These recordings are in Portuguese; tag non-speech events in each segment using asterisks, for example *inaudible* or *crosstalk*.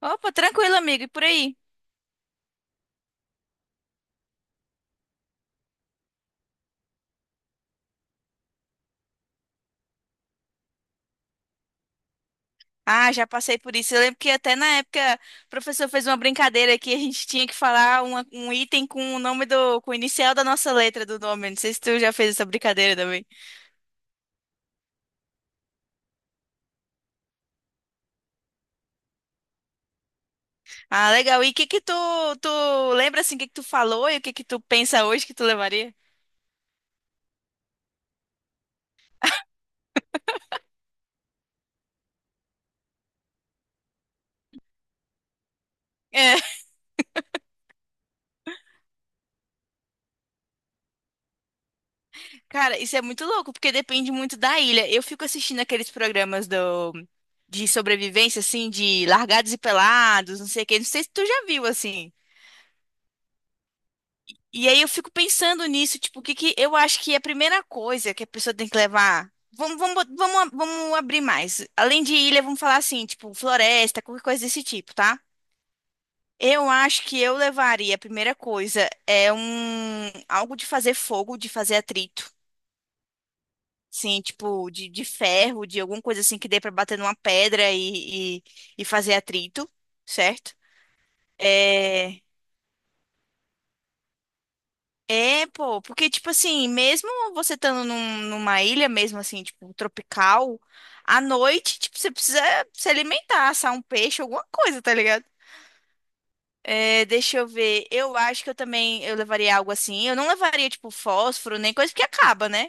Opa, tranquilo, amigo, e por aí? Ah, já passei por isso. Eu lembro que até na época o professor fez uma brincadeira que a gente tinha que falar um item com o nome do, com o inicial da nossa letra do nome. Não sei se tu já fez essa brincadeira também. Ah, legal. E o que que tu lembra assim, o que que tu falou e o que que tu pensa hoje que tu levaria? É, *laughs* cara, isso é muito louco, porque depende muito da ilha. Eu fico assistindo aqueles programas do, de sobrevivência, assim, de largados e pelados, não sei o quê. Não sei se tu já viu, assim. E aí eu fico pensando nisso, tipo, o que que eu acho que a primeira coisa que a pessoa tem que levar. Vamos, vamos, bot- vamos, a- Vamos abrir mais. Além de ilha, vamos falar assim, tipo, floresta, qualquer coisa desse tipo, tá? Eu acho que eu levaria, a primeira coisa, é um algo de fazer fogo, de fazer atrito. Sim, tipo, de ferro, de alguma coisa assim que dê pra bater numa pedra e fazer atrito, certo? É. É, pô, porque, tipo assim, mesmo você numa ilha, mesmo assim, tipo, tropical, à noite, tipo, você precisa se alimentar, assar um peixe, alguma coisa, tá ligado? É, deixa eu ver, eu acho que eu também, eu levaria algo assim, eu não levaria, tipo, fósforo, nem coisa que acaba, né?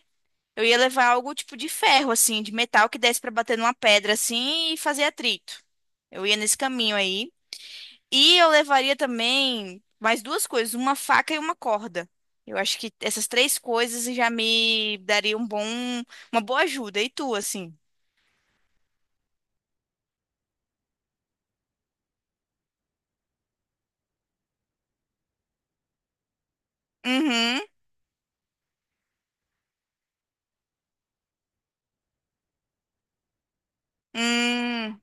Eu ia levar algo, tipo, de ferro, assim, de metal que desse pra bater numa pedra, assim, e fazer atrito. Eu ia nesse caminho aí. E eu levaria também mais duas coisas, uma faca e uma corda. Eu acho que essas três coisas já me daria um bom, uma boa ajuda. E tu, assim? Uhum. Hum.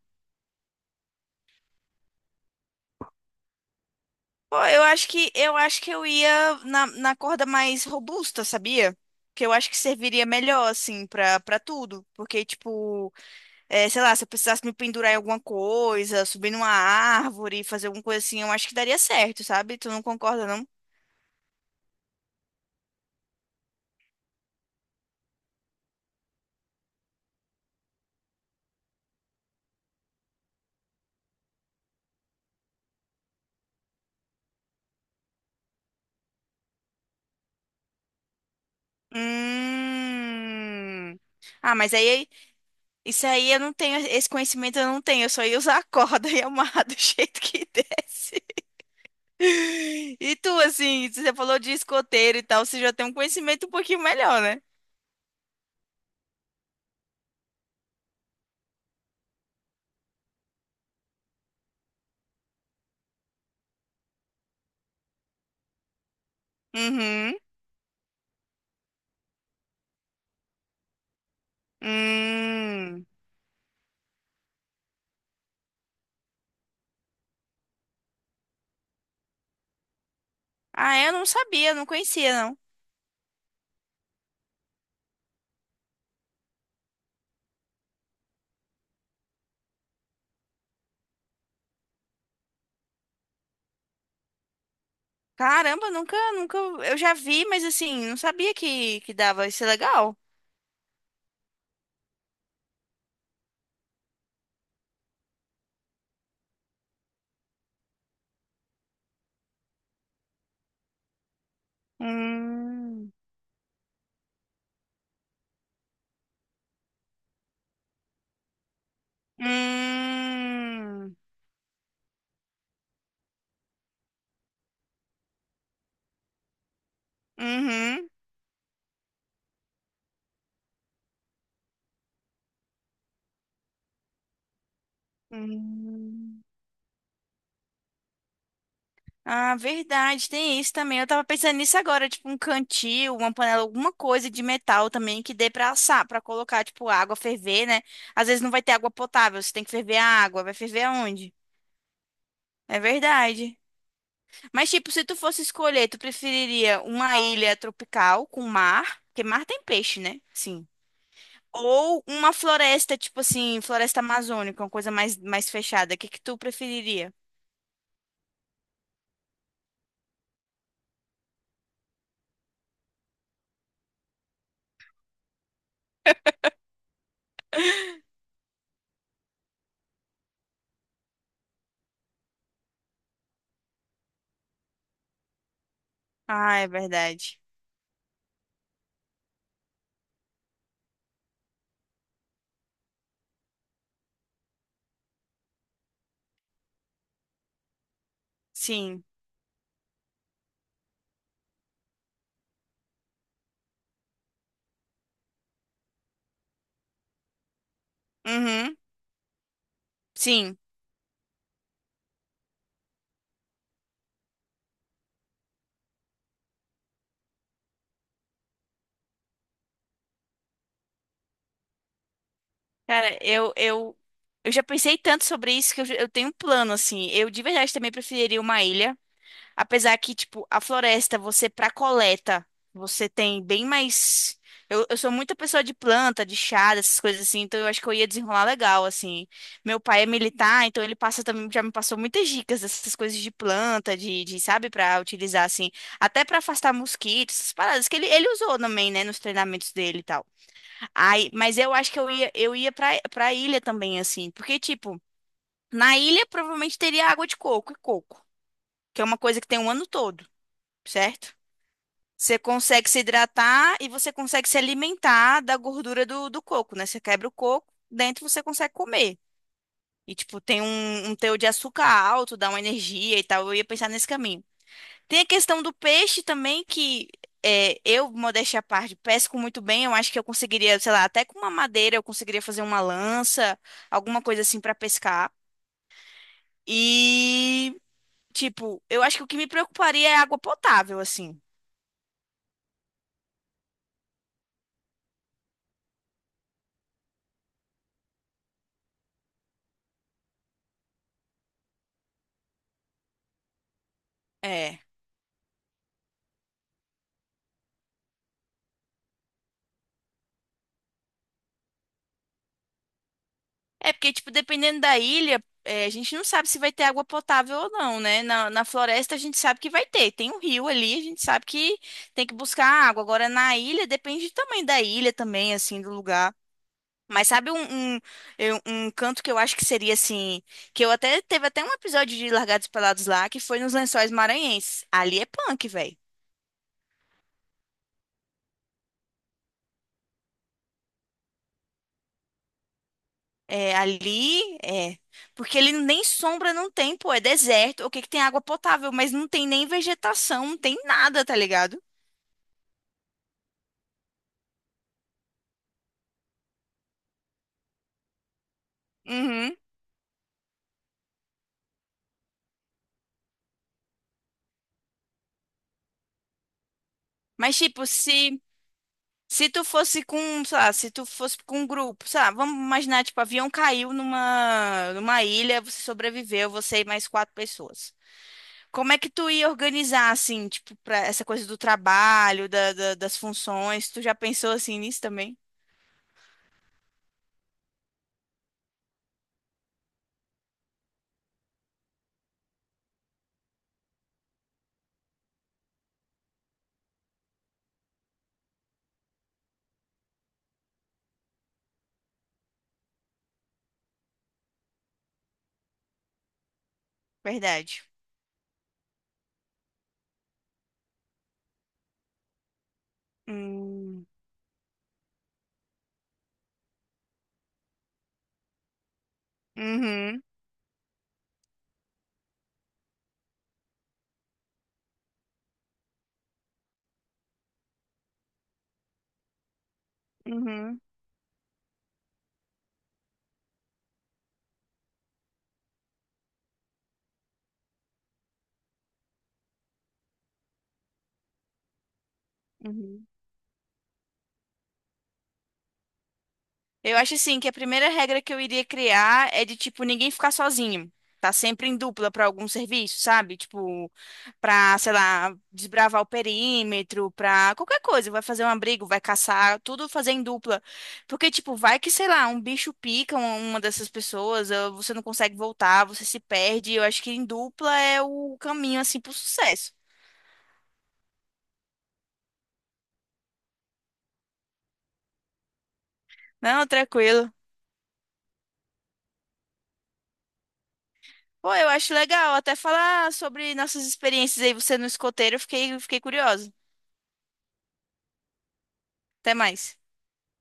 Pô, eu acho que eu ia na, na corda mais robusta, sabia? Que eu acho que serviria melhor, assim, pra, pra tudo. Porque, tipo, é, sei lá, se eu precisasse me pendurar em alguma coisa, subir numa árvore, fazer alguma coisa assim, eu acho que daria certo, sabe? Tu não concorda, não? Hum. Ah, mas aí isso aí eu não tenho, esse conhecimento eu não tenho, eu só ia usar a corda e amarrar do *laughs* jeito que desce. E tu, assim, você falou de escoteiro e tal, você já tem um conhecimento um pouquinho melhor, né? Uhum. Hum. Ah, eu não sabia, não conhecia, não. Caramba, nunca, nunca. Eu já vi, mas assim, não sabia que dava. Isso é legal. Hum. Hum. Uhum. Hum. Ah, verdade, tem isso também. Eu tava pensando nisso agora, tipo um cantil, uma panela, alguma coisa de metal também que dê pra assar, pra colocar, tipo, água ferver, né? Às vezes não vai ter água potável, você tem que ferver a água, vai ferver aonde? É verdade. Mas, tipo, se tu fosse escolher, tu preferiria uma ilha tropical com mar, porque mar tem peixe, né? Sim. Ou uma floresta, tipo assim, floresta amazônica, uma coisa mais, mais fechada. O que que tu preferiria? Ah, é verdade. Sim. Uhum. Sim. Cara, eu já pensei tanto sobre isso que eu tenho um plano, assim. Eu de verdade também preferiria uma ilha. Apesar que, tipo, a floresta, você pra coleta, você tem bem mais. Eu sou muita pessoa de planta, de chá, dessas coisas assim, então eu acho que eu ia desenrolar legal, assim. Meu pai é militar, então ele passa também, já me passou muitas dicas dessas coisas de planta, sabe, pra utilizar, assim, até pra afastar mosquitos, essas paradas que ele usou também, né, nos treinamentos dele e tal. Aí, mas eu acho que eu ia pra, pra ilha também, assim. Porque, tipo, na ilha provavelmente teria água de coco e coco, que é uma coisa que tem o ano todo, certo? Você consegue se hidratar e você consegue se alimentar da gordura do, do coco, né? Você quebra o coco, dentro você consegue comer. E, tipo, tem um teor de açúcar alto, dá uma energia e tal. Eu ia pensar nesse caminho. Tem a questão do peixe também, que é, eu, modéstia à parte, pesco muito bem. Eu acho que eu conseguiria, sei lá, até com uma madeira eu conseguiria fazer uma lança, alguma coisa assim pra pescar. E, tipo, eu acho que o que me preocuparia é água potável, assim. É. É porque, tipo, dependendo da ilha, é, a gente não sabe se vai ter água potável ou não, né? Na, na floresta a gente sabe que vai ter. Tem um rio ali, a gente sabe que tem que buscar água. Agora, na ilha, depende do tamanho da ilha também, assim, do lugar. Mas sabe um canto que eu acho que seria assim, que eu até teve até um episódio de Largados e Pelados lá que foi nos Lençóis Maranhenses. Ali é punk, velho. É, ali é. Porque ele nem sombra não tem, pô, é deserto. O que que tem água potável, mas não tem nem vegetação, não tem nada, tá ligado? Uhum. Mas tipo, se tu fosse com, sei lá, se tu fosse com um grupo, sei lá, vamos imaginar, tipo, avião caiu numa ilha, você sobreviveu, você e mais quatro pessoas. Como é que tu ia organizar, assim, tipo, pra essa coisa do trabalho, das funções? Tu já pensou, assim, nisso também? Verdade. Hum. Uhum, uhum, uhum. Eu acho assim que a primeira regra que eu iria criar é de tipo ninguém ficar sozinho. Tá sempre em dupla para algum serviço, sabe? Tipo, pra, sei lá, desbravar o perímetro, pra qualquer coisa, vai fazer um abrigo, vai caçar, tudo fazer em dupla. Porque tipo, vai que, sei lá, um bicho pica uma dessas pessoas, ou você não consegue voltar, você se perde. Eu acho que em dupla é o caminho assim pro sucesso. Não, tranquilo. Pô, eu acho legal até falar sobre nossas experiências aí, você no escoteiro, eu fiquei curiosa. Até mais.